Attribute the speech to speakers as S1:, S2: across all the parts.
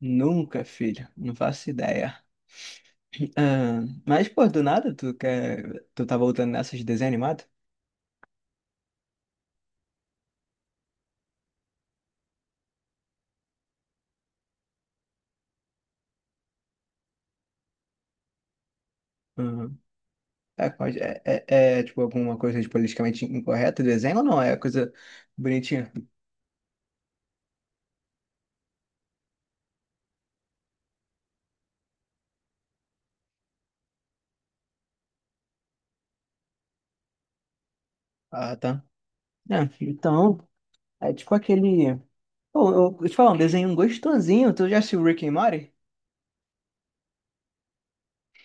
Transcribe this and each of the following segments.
S1: Nunca, filho. Não faço ideia. Ah, mas, pô, do nada, tu quer. Tu tá voltando nessas de desenho animado? Uhum. É, pode- é, é, tipo alguma coisa de politicamente incorreta do desenho ou não? É coisa bonitinha. Ah, tá. É, então, é tipo aquele. Pô, eu te falar, um desenho gostosinho. Tu já assistiu Rick and Morty?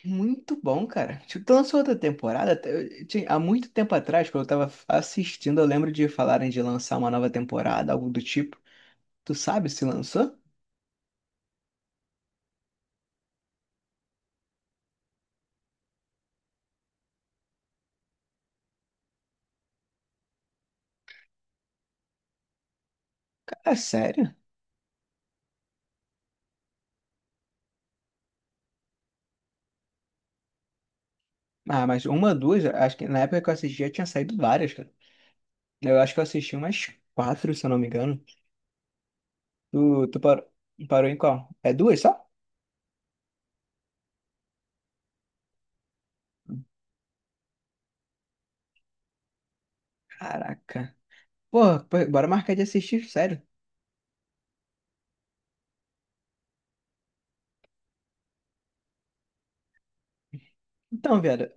S1: Muito bom, cara. Tipo, lançou outra temporada. Eu tinha- há muito tempo atrás, quando eu tava assistindo, eu lembro de falarem de lançar uma nova temporada, algo do tipo. Tu sabe se lançou? Cara, sério? Ah, mas uma, duas, acho que na época que eu assisti já tinha saído várias, cara. Eu acho que eu assisti umas quatro, se eu não me engano. Tu parou, parou em qual? É duas só? Caraca. Porra, pô, bora marcar de assistir, sério. Então, viado,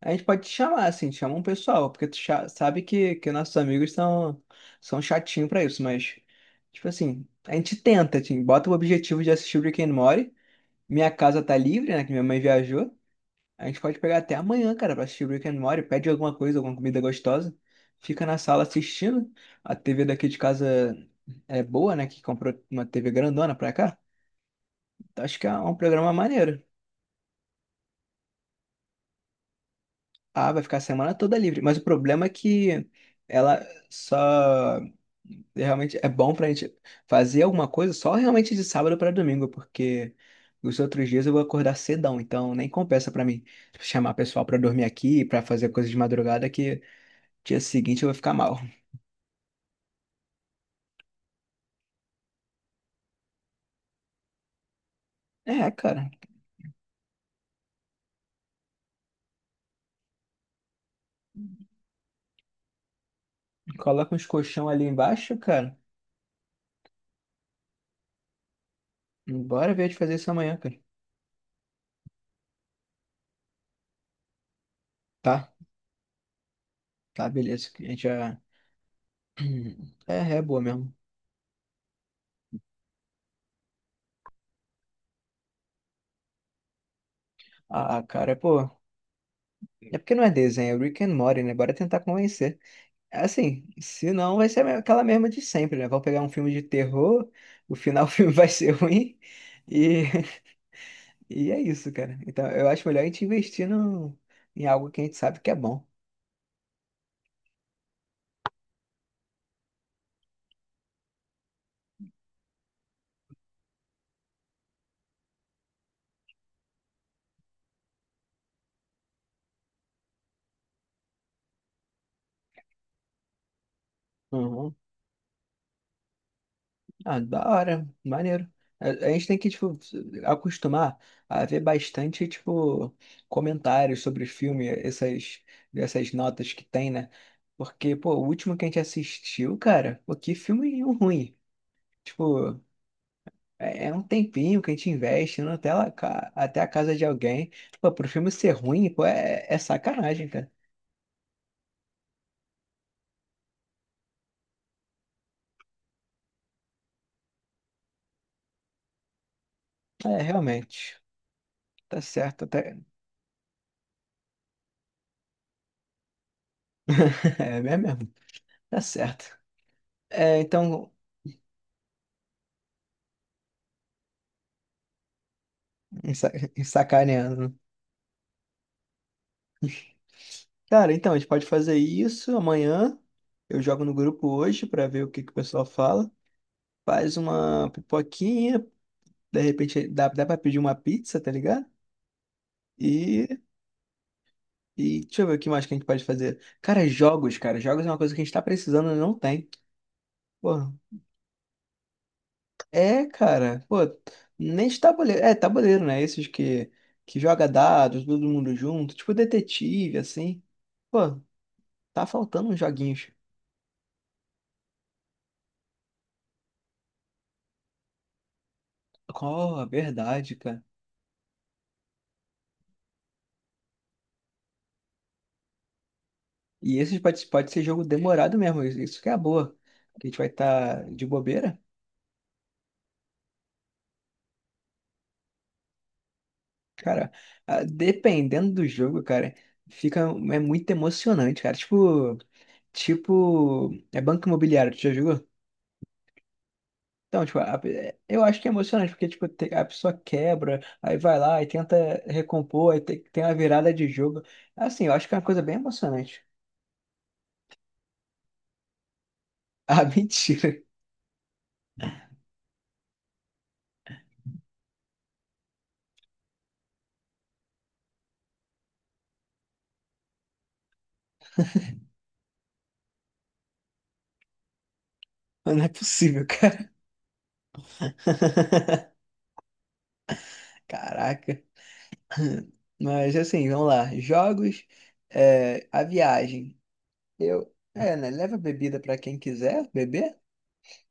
S1: a gente pode te chamar, assim, te chama um pessoal, porque tu cha- sabe que nossos amigos são, são chatinhos pra isso, mas, tipo assim, a gente tenta, assim, bota o objetivo de assistir Rick and Morty. Minha casa tá livre, né, que minha mãe viajou. A gente pode pegar até amanhã, cara, pra assistir Rick and Morty. Pede alguma coisa, alguma comida gostosa. Fica na sala assistindo. A TV daqui de casa é boa, né, que comprou uma TV grandona pra cá. Então, acho que é um programa maneiro. Ah, vai ficar a semana toda livre. Mas o problema é que ela só realmente é bom pra gente fazer alguma coisa só realmente de sábado pra domingo, porque os outros dias eu vou acordar cedão, então nem compensa pra mim chamar pessoal pra dormir aqui, pra fazer coisa de madrugada, que dia seguinte eu vou ficar mal. É, cara, coloca uns colchão ali embaixo, cara. Bora ver de fazer isso amanhã, cara. Tá, tá, beleza. A gente já. É, é boa mesmo. Ah, cara, pô. É porque não é desenho, é Rick and Morty, né? Bora tentar convencer. Assim, se não, vai ser a me- aquela mesma de sempre, né? Vão pegar um filme de terror, o final do filme vai ser ruim, e, e é isso, cara. Então, eu acho melhor a gente investir no, em algo que a gente sabe que é bom. Uhum. Ah, da hora, maneiro. A gente tem que, tipo, acostumar a ver bastante, tipo, comentários sobre o filme, essas, essas notas que tem, né? Porque, pô, o último que a gente assistiu, cara, pô, que filme ruim. Tipo. É é um tempinho que a gente investe indo até, lá, ca- até a casa de alguém. Pô, pro filme ser ruim, pô, é, é sacanagem, cara. É, realmente. Tá certo, até. É mesmo. Tá certo. É, então, sa- sacaneando. Cara, então, a gente pode fazer isso amanhã. Eu jogo no grupo hoje pra ver o que que o pessoal fala. Faz uma pipoquinha, de repente dá, dá pra pedir uma pizza, tá ligado? E e deixa eu ver o que mais que a gente pode fazer. Cara. Jogos é uma coisa que a gente tá precisando e não tem. Pô, é, cara. Pô, nem de tabuleiro. É, tabuleiro, né? Esses que joga dados, todo mundo junto. Tipo detetive, assim. Pô, tá faltando uns joguinhos. Oh, verdade, cara. E esses pode ser jogo demorado mesmo. Isso que é a boa. Que a gente vai estar de bobeira. Cara, ah, dependendo do jogo, cara, fica é muito emocionante, cara. Tipo, tipo, é banco imobiliário, tu já jogou? Então, tipo, a- é- eu acho que é emocionante, porque, tipo, te- a pessoa quebra, aí vai lá e tenta recompor, aí tem, tem uma virada de jogo. Assim, eu acho que é uma coisa bem emocionante. Ah, mentira. Não é possível, cara. Caraca. Mas, assim, vamos lá. Jogos, é, a viagem. Eu, é, né? Leva bebida para quem quiser beber,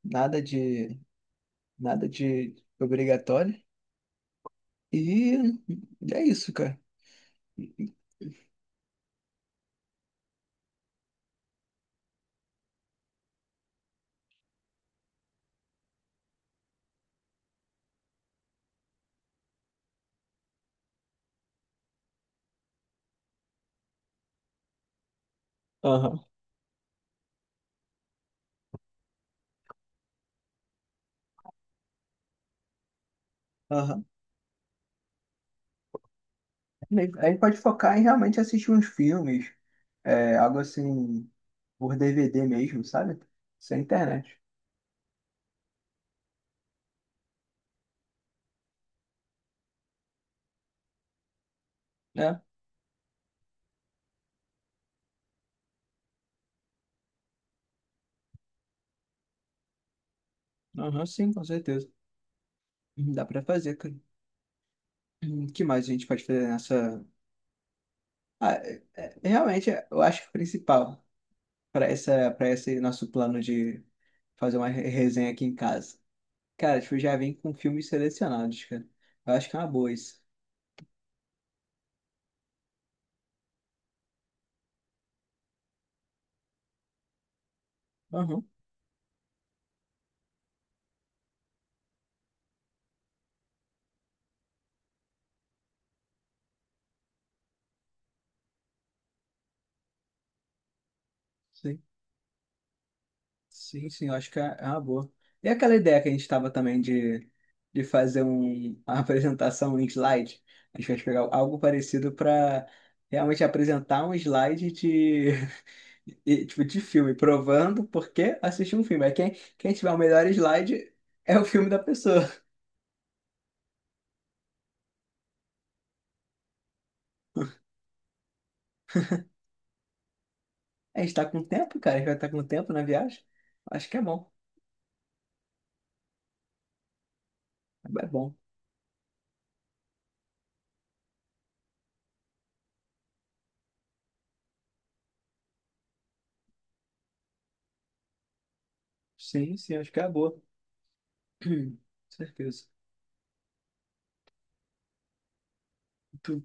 S1: nada de, nada de obrigatório. E é isso, cara. Aham. Aham. Aí pode focar em realmente assistir uns filmes, é, algo assim, por DVD mesmo, sabe? Sem internet. É, aham, sim, com certeza. Dá pra fazer, cara. O que mais a gente pode fazer nessa. Ah, é- é- realmente, eu acho que o principal para essa, para esse nosso plano de fazer uma re- resenha aqui em casa. Cara, tipo, já vem com filmes selecionados, cara. Eu acho que é uma boa isso. Aham, sim. Sim, sim, eu acho que é uma boa. E aquela ideia que a gente estava também de fazer um, uma apresentação em slide? A gente vai pegar algo parecido para realmente apresentar um slide de, e, tipo, de filme, provando por que assistir um filme. Aí quem, quem tiver o melhor slide é o filme da pessoa. A gente está com tempo, cara, a gente vai estar com tempo na viagem. Acho que é bom. É bom. Sim, sim, acho que é boa. Com certeza. Tu,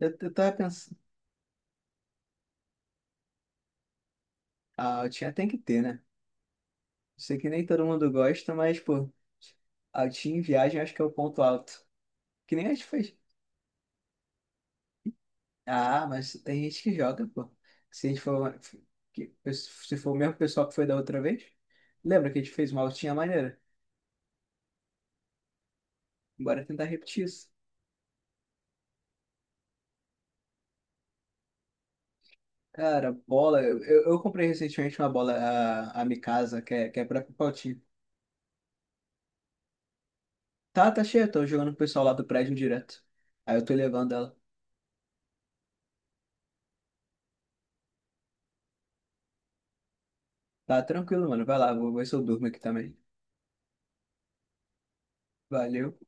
S1: eu tava pensando. Ah, eu tinha, tem que ter, né? Sei que nem todo mundo gosta, mas, pô, altinho em viagem acho que é o ponto alto. Que nem a gente fez. Ah, mas tem gente que joga, pô. Se a gente for, que- se for o mesmo pessoal que foi da outra vez, lembra que a gente fez uma altinha maneira? Bora tentar repetir isso. Cara, bola. Eu comprei recentemente uma bola, a Mikasa, que é própria pra altinho. Tá, tá cheia, tô jogando com o pessoal lá do prédio direto. Aí eu tô levando ela. Tá tranquilo, mano. Vai lá, vou ver se eu durmo aqui também. Valeu.